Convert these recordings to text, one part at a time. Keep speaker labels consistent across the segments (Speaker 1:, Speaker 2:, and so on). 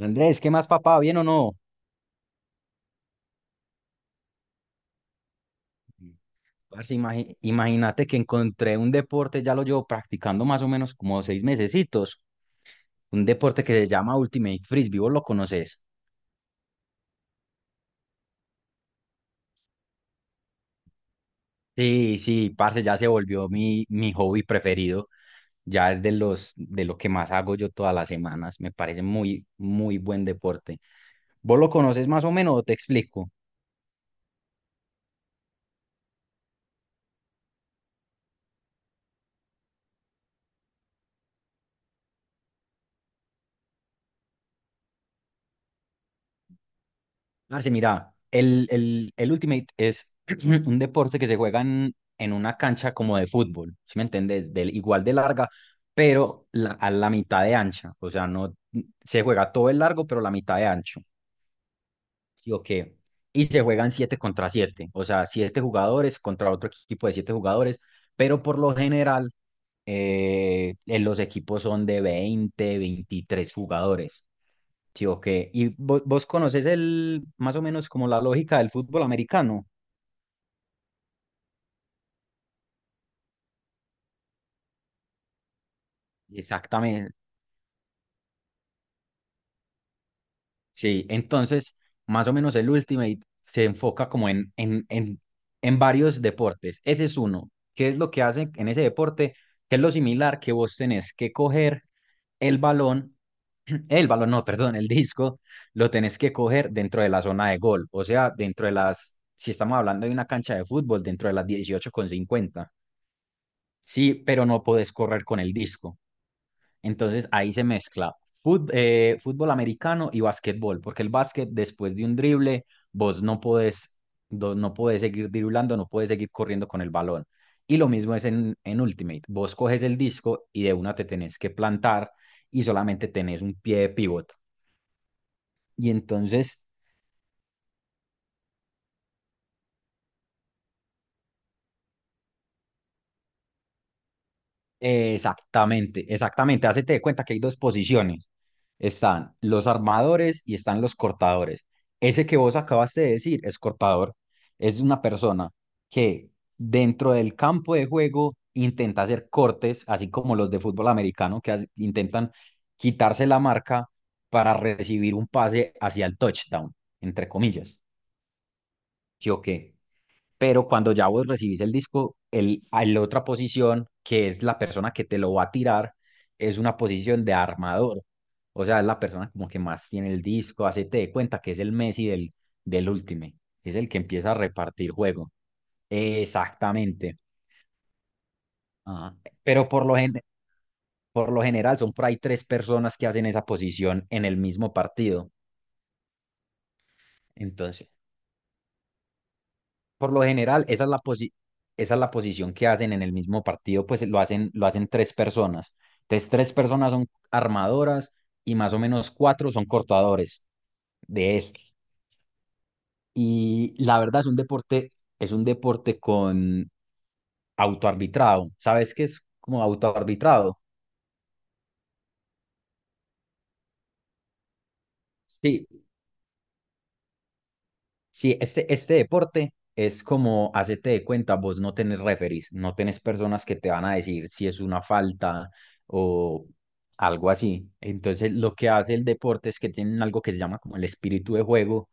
Speaker 1: Andrés, ¿qué más, papá? ¿Bien o no? Parce, imagínate que encontré un deporte, ya lo llevo practicando más o menos como 6 mesecitos, un deporte que se llama Ultimate Frisbee, ¿vos lo conoces? Sí, sí, parce, ya se volvió mi hobby preferido, ya es de los, de lo que más hago yo todas las semanas, me parece muy, muy buen deporte. ¿Vos lo conoces más o menos o te explico? Marce, mira, el Ultimate es un deporte que se juega en una cancha como de fútbol, ¿sí me entendés? Del, igual de larga, pero a la mitad de ancha. O sea, no se juega todo el largo, pero la mitad de ancho. ¿Sí o qué? Y se juegan siete contra siete. O sea, 7 jugadores contra otro equipo de 7 jugadores, pero por lo general los equipos son de 20 23 jugadores. Sí, ok. ¿Y vos, conoces el, más o menos como la lógica del fútbol americano? Exactamente. Sí, entonces, más o menos el Ultimate se enfoca como en en varios deportes. Ese es uno. ¿Qué es lo que hace en ese deporte? ¿Qué es lo similar que vos tenés que coger el balón, el balón, no, perdón, el disco, lo tenés que coger dentro de la zona de gol? O sea, dentro de las, si estamos hablando de una cancha de fútbol, dentro de las 18,50. Sí, pero no podés correr con el disco. Entonces ahí se mezcla fútbol americano y básquetbol porque el básquet después de un drible, vos no podés, no podés seguir driblando, no podés seguir corriendo con el balón. Y lo mismo es en Ultimate. Vos coges el disco y de una te tenés que plantar y solamente tenés un pie de pivot. Y entonces. Exactamente, exactamente. Hacete de cuenta que hay dos posiciones. Están los armadores y están los cortadores. Ese que vos acabaste de decir es cortador. Es una persona que dentro del campo de juego intenta hacer cortes, así como los de fútbol americano, que intentan quitarse la marca para recibir un pase hacia el touchdown, entre comillas. ¿Sí o qué? Pero cuando ya vos recibís el disco, el, a la otra posición, que es la persona que te lo va a tirar, es una posición de armador. O sea, es la persona como que más tiene el disco, hacete de cuenta que es el Messi del, del Ultimate, es el que empieza a repartir juego. Exactamente. Ajá. Pero por por lo general son por ahí tres personas que hacen esa posición en el mismo partido. Entonces, por lo general, esa es esa es la posición que hacen en el mismo partido, pues lo hacen tres personas. Entonces, tres personas son armadoras y más o menos cuatro son cortadores de estos. Y la verdad es un deporte con autoarbitrado. ¿Sabes qué es como autoarbitrado? Sí, sí, este deporte es como hacerte de cuenta, vos no tenés referees, no tenés personas que te van a decir si es una falta o algo así. Entonces, lo que hace el deporte es que tienen algo que se llama como el espíritu de juego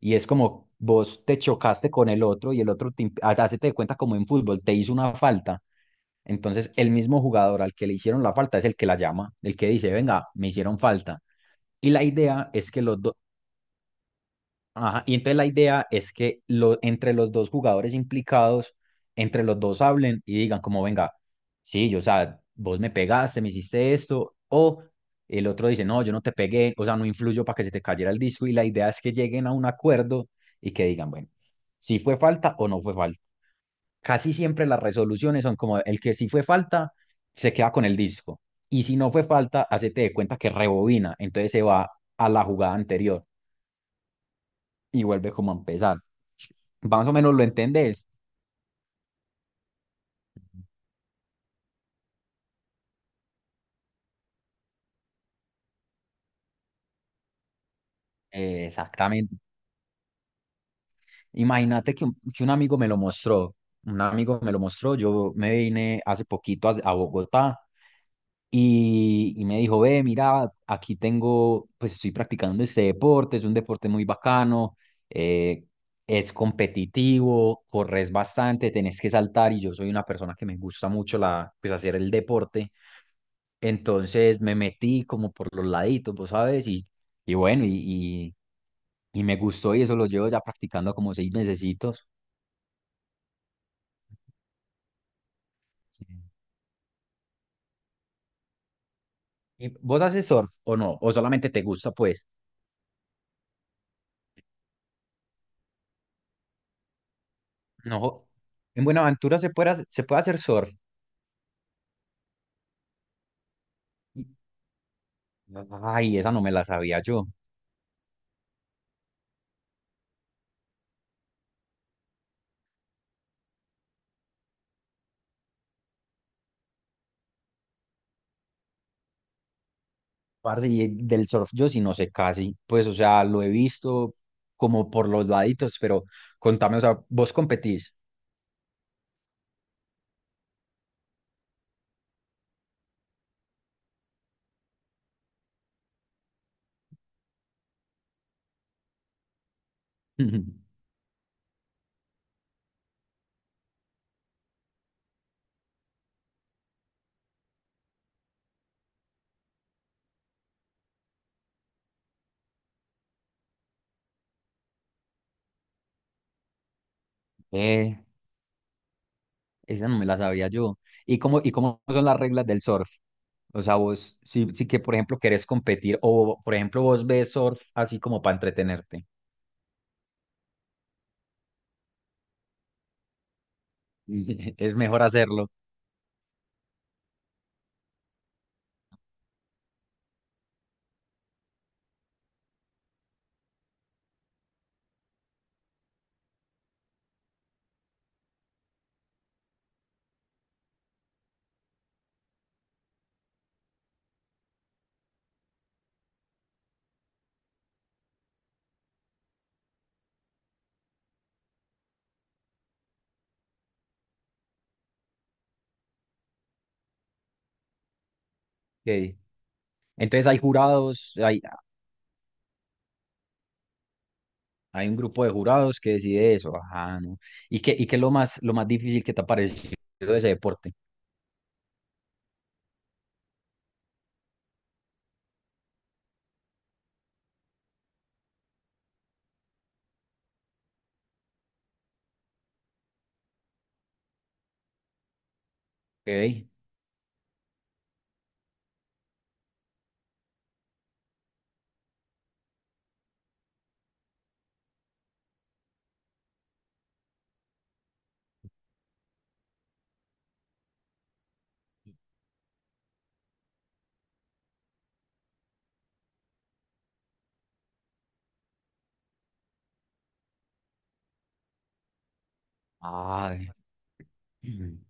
Speaker 1: y es como vos te chocaste con el otro y el otro te, hacete de cuenta como en fútbol, te hizo una falta. Entonces, el mismo jugador al que le hicieron la falta es el que la llama, el que dice, venga, me hicieron falta. Y la idea es que los dos. Ajá, y entonces la idea es que lo, entre los dos jugadores implicados, entre los dos hablen y digan como, venga, sí, yo, o sea, vos me pegaste, me hiciste esto, o el otro dice, no, yo no te pegué, o sea, no influyo para que se te cayera el disco, y la idea es que lleguen a un acuerdo y que digan, bueno, si fue falta o no fue falta. Casi siempre las resoluciones son como, el que si fue falta, se queda con el disco, y si no fue falta, hacete de cuenta que rebobina, entonces se va a la jugada anterior y vuelve como a empezar. Más o menos lo entendés. Exactamente. Imagínate que un amigo me lo mostró. Un amigo me lo mostró. Yo me vine hace poquito a Bogotá y me dijo, ve, mira, aquí tengo, pues estoy practicando este deporte, es un deporte muy bacano, eh, es competitivo, corres bastante, tenés que saltar y yo soy una persona que me gusta mucho la, pues hacer el deporte. Entonces me metí como por los laditos, vos sabes, y bueno, y me gustó y eso lo llevo ya practicando como 6 mesecitos. Sí. ¿Y ¿vos haces surf o no? ¿O solamente te gusta, pues? No. En Buenaventura se puede, se puede hacer surf. Y- Ay, esa no me la sabía yo. Parce, y del surf yo sí no sé casi. Pues, o sea, lo he visto como por los laditos, pero contame, o sea, ¿vos competís? Eh, esa no me la sabía yo. Y cómo son las reglas del surf? O sea, vos, si, si que, por ejemplo, querés competir o, por ejemplo, vos ves surf así como para entretenerte, es mejor hacerlo. Ok. Entonces hay jurados, hay un grupo de jurados que decide eso. Ajá, ¿no? Y qué es lo más difícil que te ha parecido de ese deporte? Okay. Ay,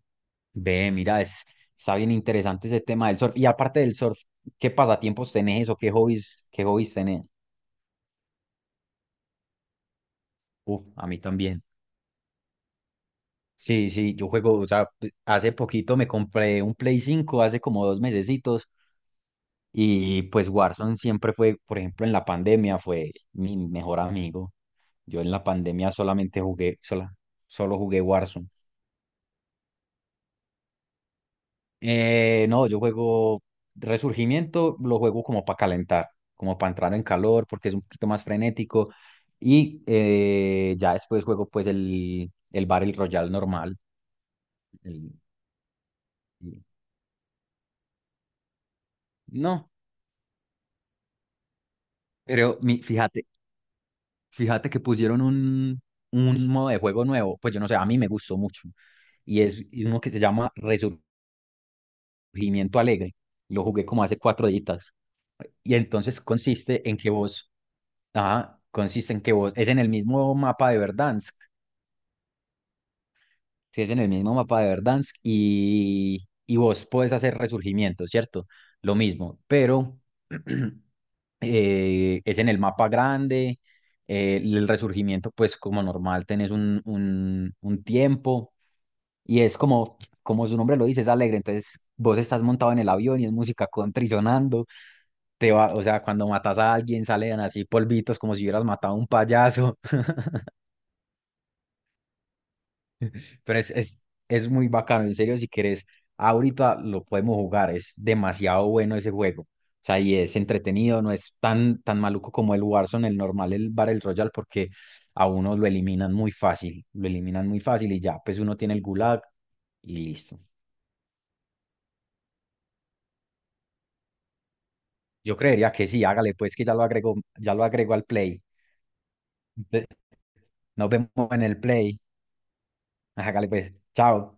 Speaker 1: ve, mira, es, está bien interesante ese tema del surf. Y aparte del surf, ¿qué pasatiempos tenés o qué hobbies tenés? Uf, a mí también. Sí, sí, yo juego, o sea, pues, hace poquito me compré un Play 5 hace como 2 mesecitos, y pues Warzone siempre fue, por ejemplo, en la pandemia fue mi mejor amigo. Yo en la pandemia solamente jugué, sola, solo jugué Warzone. No, yo juego Resurgimiento, lo juego como para calentar, como para entrar en calor, porque es un poquito más frenético, y ya después juego pues el Battle Royale normal. el- No, pero mi, fíjate que pusieron un, modo de juego nuevo, pues yo no sé, a mí me gustó mucho. Y es uno que se llama Resurgimiento Alegre. Lo jugué como hace 4 días. Y entonces consiste en que vos, ajá, consiste en que vos, es en el mismo mapa de Verdansk, si es en el mismo mapa de Verdansk y vos podés hacer resurgimiento, ¿cierto? Lo mismo, pero es en el mapa grande, el resurgimiento pues como normal tenés un, un tiempo y es como, como su nombre lo dice, es alegre, entonces vos estás montado en el avión y es música country sonando, te va, o sea, cuando matas a alguien salen así polvitos como si hubieras matado a un payaso, pero es muy bacano, en serio, si querés, ahorita lo podemos jugar, es demasiado bueno ese juego. O sea, y es entretenido, no es tan, tan maluco como el Warzone, el normal, el Battle Royale, porque a uno lo eliminan muy fácil, lo eliminan muy fácil y ya, pues uno tiene el Gulag y listo. Yo creería que sí, hágale pues que ya lo agrego al Play. Ve- Nos vemos en el Play. Hágale pues, chao.